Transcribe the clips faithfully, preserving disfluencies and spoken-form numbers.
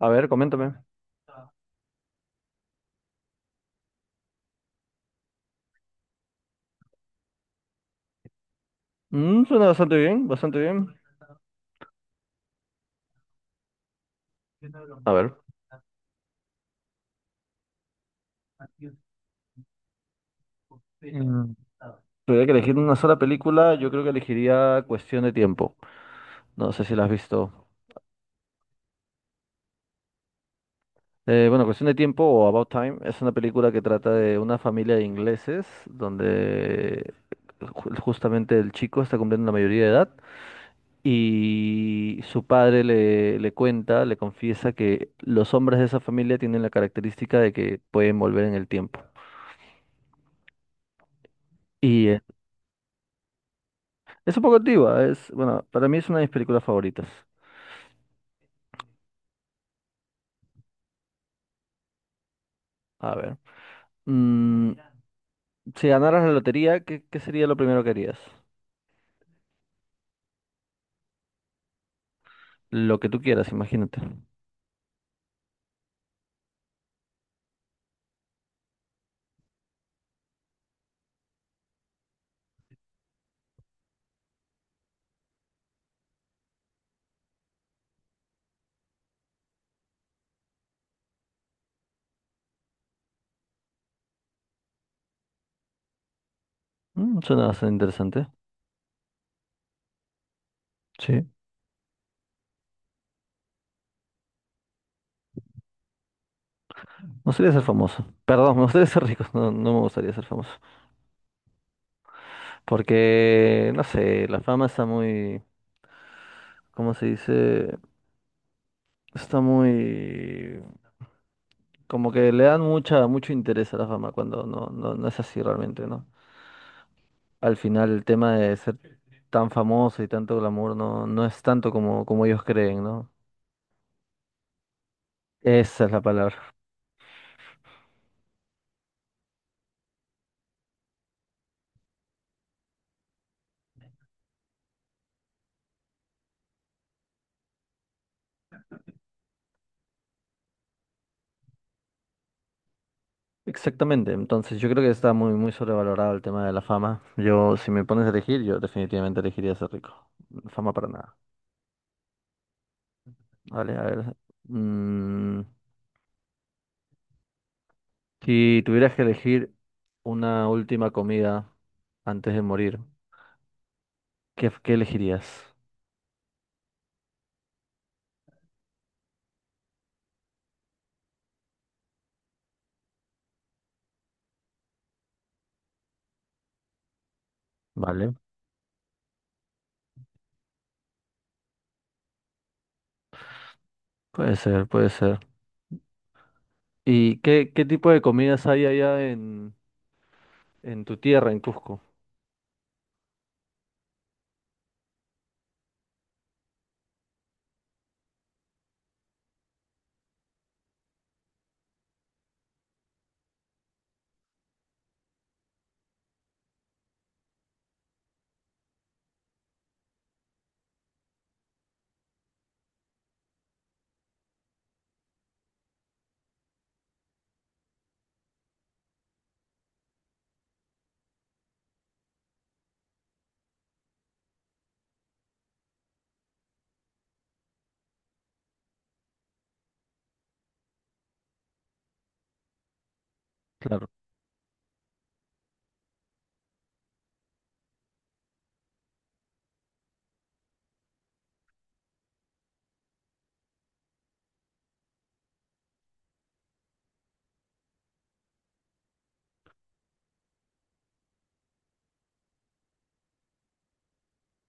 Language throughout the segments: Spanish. A ver, coméntame. Mm, suena bastante bien, bastante bien. A ver. Mm, tuviera que elegir una sola película, yo creo que elegiría Cuestión de Tiempo. No sé si la has visto. Eh, bueno, Cuestión de Tiempo o About Time es una película que trata de una familia de ingleses donde ju- justamente el chico está cumpliendo la mayoría de edad y su padre le, le cuenta, le confiesa que los hombres de esa familia tienen la característica de que pueden volver en el tiempo. Y Es un poco antigua, es, bueno, para mí es una de mis películas favoritas. A ver. mm, si ganaras la lotería, ¿qué, qué sería lo primero que harías? Lo que tú quieras, imagínate. Mm, suena bastante interesante. Sí. Me gustaría ser famoso. Perdón, me gustaría ser rico. No, no me gustaría ser famoso. Porque, no sé, la fama está muy, ¿cómo se dice? Está muy... Como que le dan mucha, mucho interés a la fama cuando no, no, no es así realmente, ¿no? Al final el tema de ser tan famoso y tanto glamour no, no es tanto como, como ellos creen, ¿no? Esa es la palabra. Exactamente. Entonces yo creo que está muy, muy sobrevalorado el tema de la fama. Yo, si me pones a elegir, yo definitivamente elegiría ser rico. Fama para nada. Vale, a ver. mm, si tuvieras que elegir una última comida antes de morir, ¿qué, qué elegirías? Vale. Puede ser, puede ser. ¿Y qué, qué tipo de comidas hay allá en, en tu tierra, en Cusco. Claro.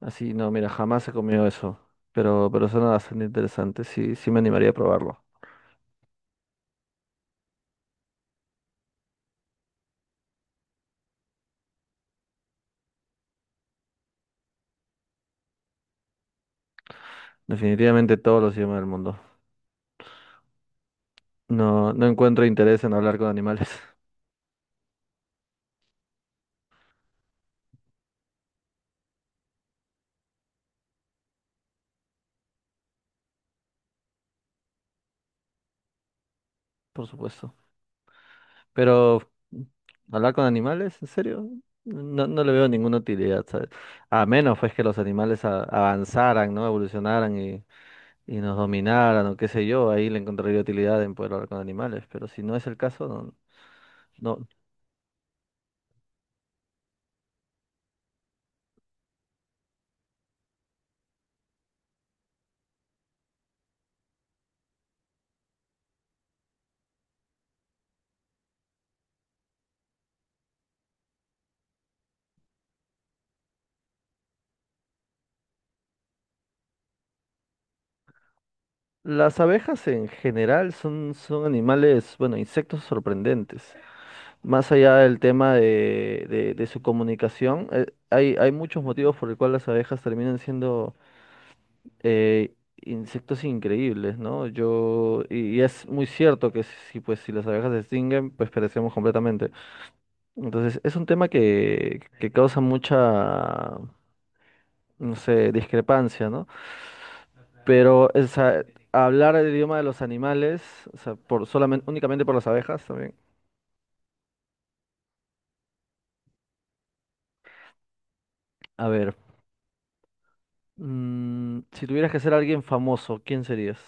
Así, no, mira, jamás he comido eso. Pero, pero suena bastante interesante. Sí, sí me animaría a probarlo. Definitivamente todos los idiomas del mundo. No, no encuentro interés en hablar con animales, por supuesto. Pero, ¿hablar con animales? ¿En serio? No, no le veo ninguna utilidad, ¿sabes? A menos pues que los animales a- avanzaran, ¿no? Evolucionaran y, y nos dominaran o qué sé yo. Ahí le encontraría utilidad en poder hablar con animales. Pero si no es el caso, no, no, Las abejas en general son, son animales, bueno, insectos sorprendentes. Más allá del tema de, de- de su comunicación, eh, hay, hay muchos motivos por el cual las abejas terminan siendo eh, insectos increíbles, ¿no? Yo, y, y es muy cierto que si, pues, si las abejas se extinguen, pues perecemos completamente. Entonces, es un tema que, que causa mucha, no sé, discrepancia, ¿no? Pero, o sea, hablar el idioma de los animales, o sea, por solamente, únicamente por las abejas también. A ver, mm, si tuvieras que ser alguien famoso, ¿quién serías?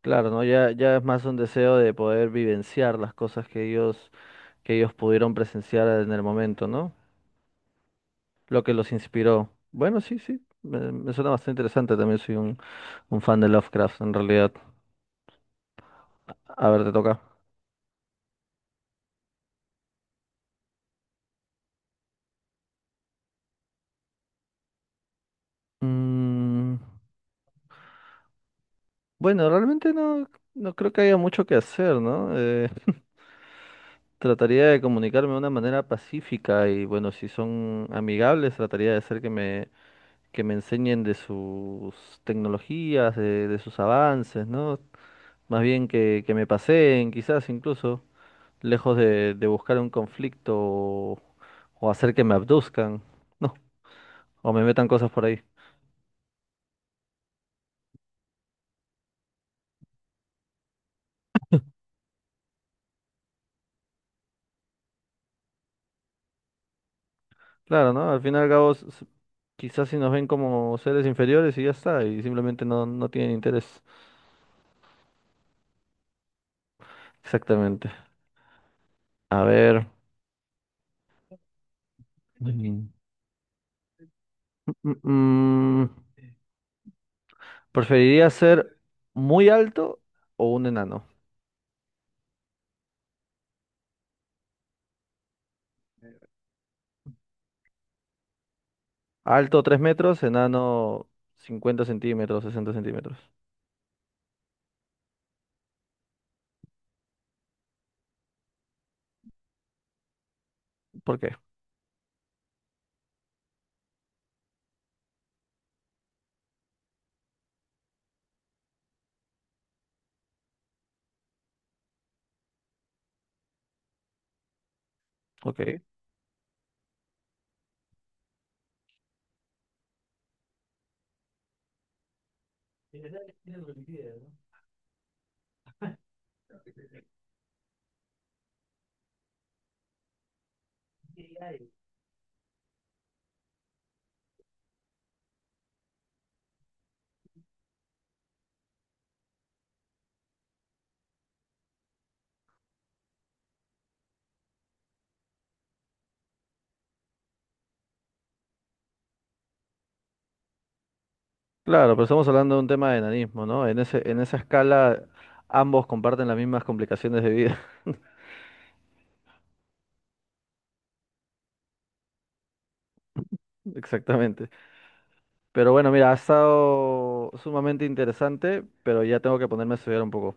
Claro, ¿no? Ya, ya es más un deseo de poder vivenciar las cosas que ellos, que ellos pudieron presenciar en el momento, ¿no? Lo que los inspiró. Bueno, sí, sí. Me, me suena bastante interesante. También soy un, un fan de Lovecraft, en realidad. A ver, te toca. Mm, bueno, realmente no, no creo que haya mucho que hacer, ¿no? Eh, trataría de comunicarme de una manera pacífica y bueno, si son amigables, trataría de hacer que me, que me enseñen de sus tecnologías, de, de sus avances, ¿no? Más bien que, que me paseen, quizás incluso, lejos de, de buscar un conflicto o, o hacer que me abduzcan, ¿no? O me metan cosas por ahí. Claro, ¿no? Al final y al cabo, s- s- quizás si nos ven como seres inferiores y ya está, y simplemente no, no tienen interés. Exactamente. A ver. Mm, mm, ¿preferiría ser muy alto o un enano? Alto tres metros, enano cincuenta centímetros, sesenta centímetros. ¿Por qué? Ok. Claro, pero estamos hablando de un tema de enanismo, ¿no? En ese, en esa escala ambos comparten las mismas complicaciones de vida. Exactamente. Pero bueno, mira, ha estado sumamente interesante, pero ya tengo que ponerme a estudiar un poco.